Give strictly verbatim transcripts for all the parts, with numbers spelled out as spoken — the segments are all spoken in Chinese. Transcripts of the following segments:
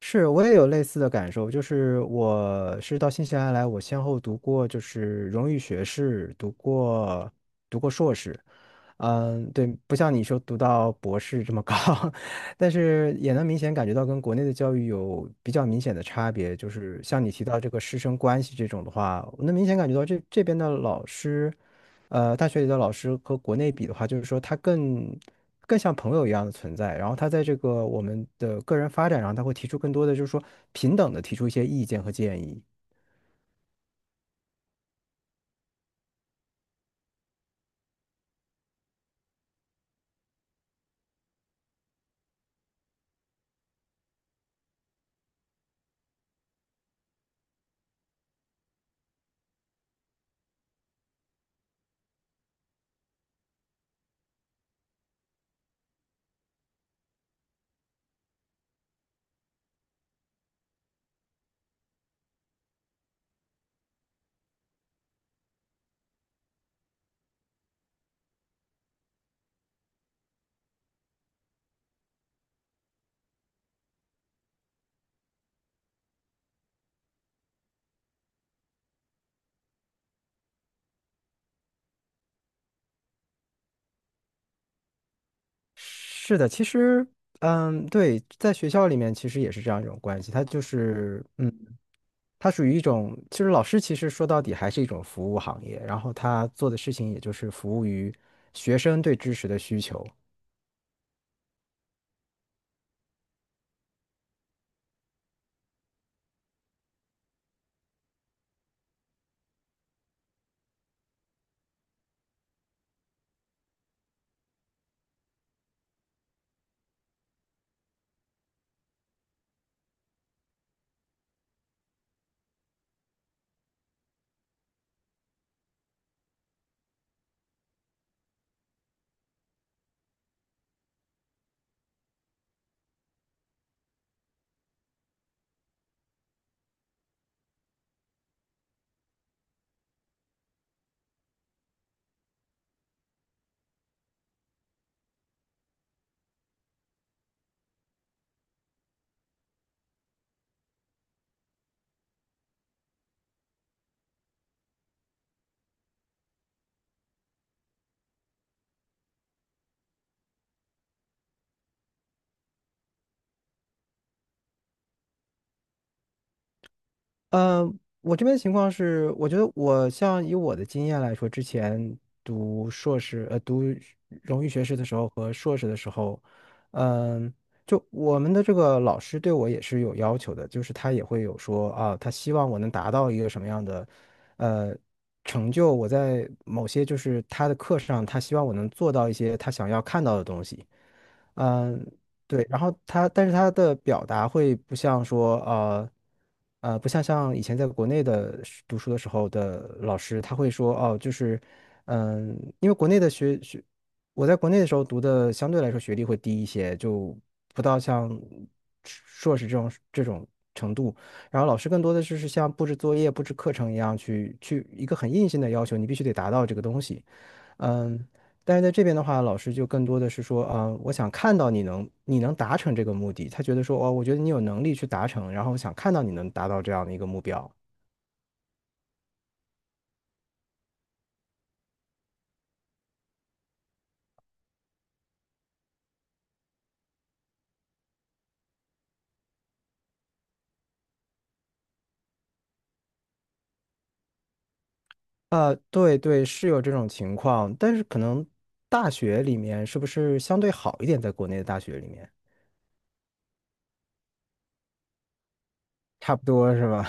是，我也有类似的感受，就是我是到新西兰来，我先后读过就是荣誉学士，读过读过硕士，嗯，对，不像你说读到博士这么高，但是也能明显感觉到跟国内的教育有比较明显的差别，就是像你提到这个师生关系这种的话，我能明显感觉到这这边的老师，呃，大学里的老师和国内比的话，就是说他更更像朋友一样的存在。然后他在这个我们的个人发展上，他会提出更多的，就是说平等的提出一些意见和建议。是的，其实，嗯，对，在学校里面其实也是这样一种关系，他就是，嗯，他属于一种，其实老师其实说到底还是一种服务行业，然后他做的事情也就是服务于学生对知识的需求。嗯，我这边的情况是，我觉得我像以我的经验来说，之前读硕士，呃，读荣誉学士的时候和硕士的时候，嗯、就我们的这个老师对我也是有要求的，就是他也会有说啊，他希望我能达到一个什么样的，呃，成就，我在某些就是他的课上，他希望我能做到一些他想要看到的东西。嗯，对，然后他，但是他的表达会不像说，呃，呃，不像像以前在国内的是读书的时候的老师，他会说，哦，就是，嗯，因为国内的学学，我在国内的时候读的相对来说学历会低一些，就不到像硕士这种这种程度。然后老师更多的就是像布置作业、布置课程一样去去一个很硬性的要求，你必须得达到这个东西。嗯，但是在这边的话，老师就更多的是说，啊、我想看到你能你能达成这个目的，他觉得说，哦，我觉得你有能力去达成，然后我想看到你能达到这样的一个目标。啊、对对，是有这种情况，但是可能大学里面是不是相对好一点，在国内的大学里面，差不多是吧？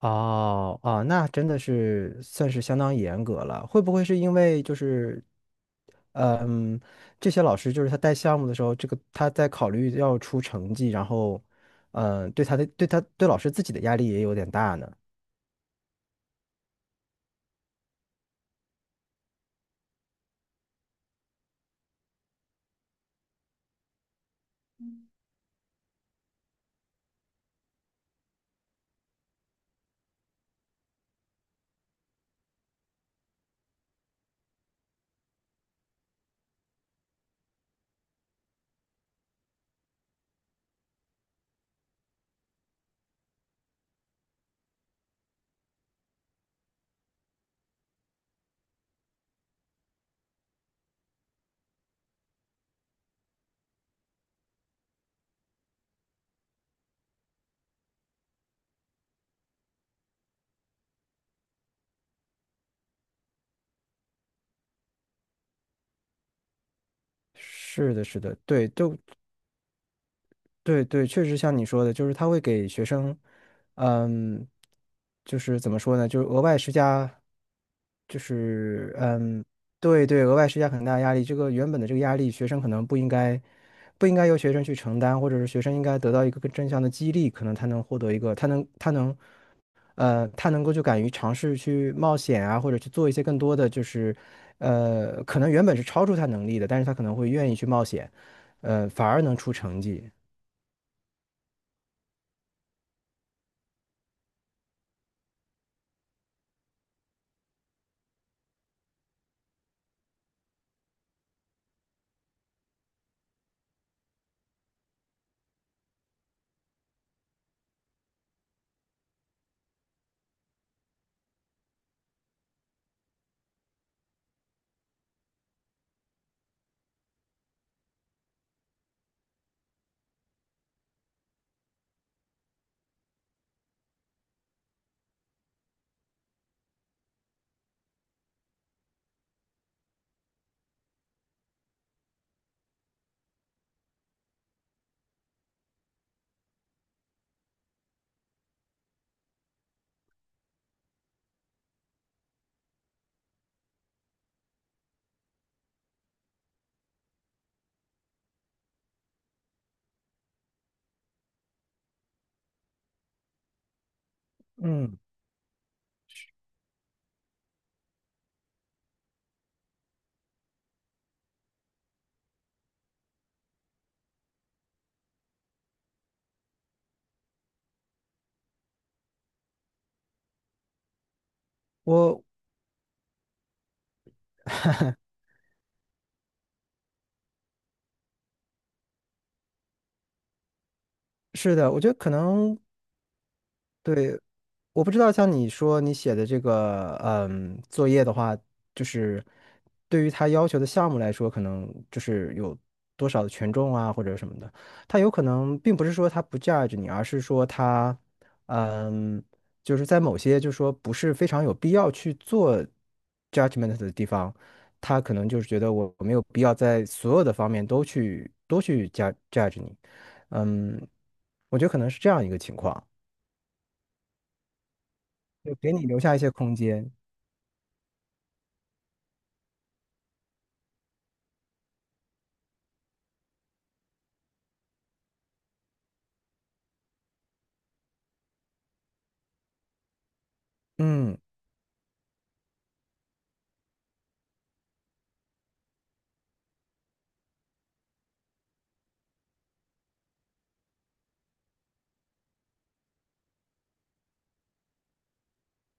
哦哦，那真的是算是相当严格了。会不会是因为就是，嗯，这些老师就是他带项目的时候，这个他在考虑要出成绩，然后，嗯，对他的对他对老师自己的压力也有点大呢。是的，是的，对，就对对，确实像你说的，就是他会给学生，嗯，就是怎么说呢，就是额外施加，就是嗯，对对，额外施加很大压力。这个原本的这个压力，学生可能不应该，不应该由学生去承担，或者是学生应该得到一个更正向的激励，可能他能获得一个，他能他能，呃，他能够就敢于尝试去冒险啊，或者去做一些更多的，就是呃，可能原本是超出他能力的，但是他可能会愿意去冒险，呃，反而能出成绩。嗯。我是的，我觉得可能，我不知道，像你说你写的这个，嗯，作业的话，就是对于他要求的项目来说，可能就是有多少的权重啊，或者什么的。他有可能并不是说他不 judge 你，而是说他，嗯，就是在某些就是说不是非常有必要去做 judgment 的地方，他可能就是觉得我我没有必要在所有的方面都去都去 judge judge 你，嗯，我觉得可能是这样一个情况，就给你留下一些空间。嗯，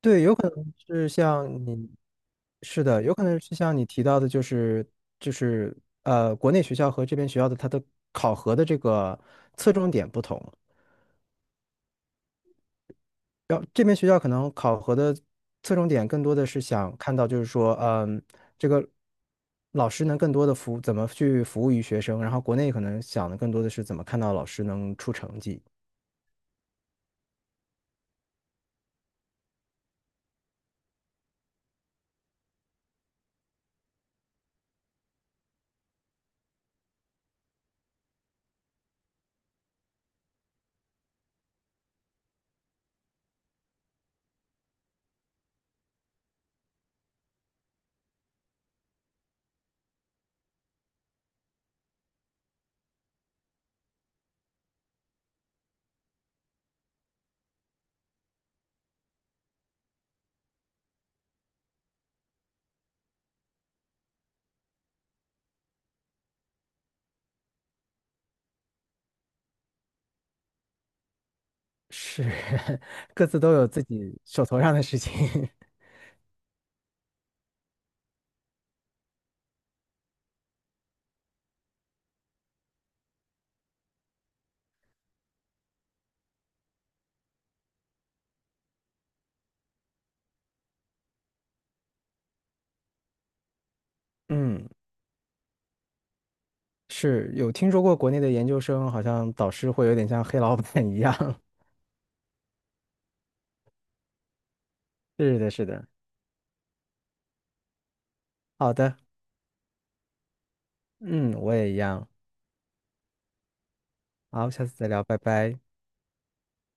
对，有可能是像你，是的，有可能是像你提到的，就是就是呃，国内学校和这边学校的它的考核的这个侧重点不同。要这边学校可能考核的侧重点更多的是想看到，就是说，嗯，这个老师能更多的服怎么去服务于学生，然后国内可能想的更多的是怎么看到老师能出成绩，是 各自都有自己手头上的事情。嗯。是有听说过国内的研究生，好像导师会有点像黑老板一样。是的，是的。好的，嗯，我也一样。好，下次再聊，拜拜。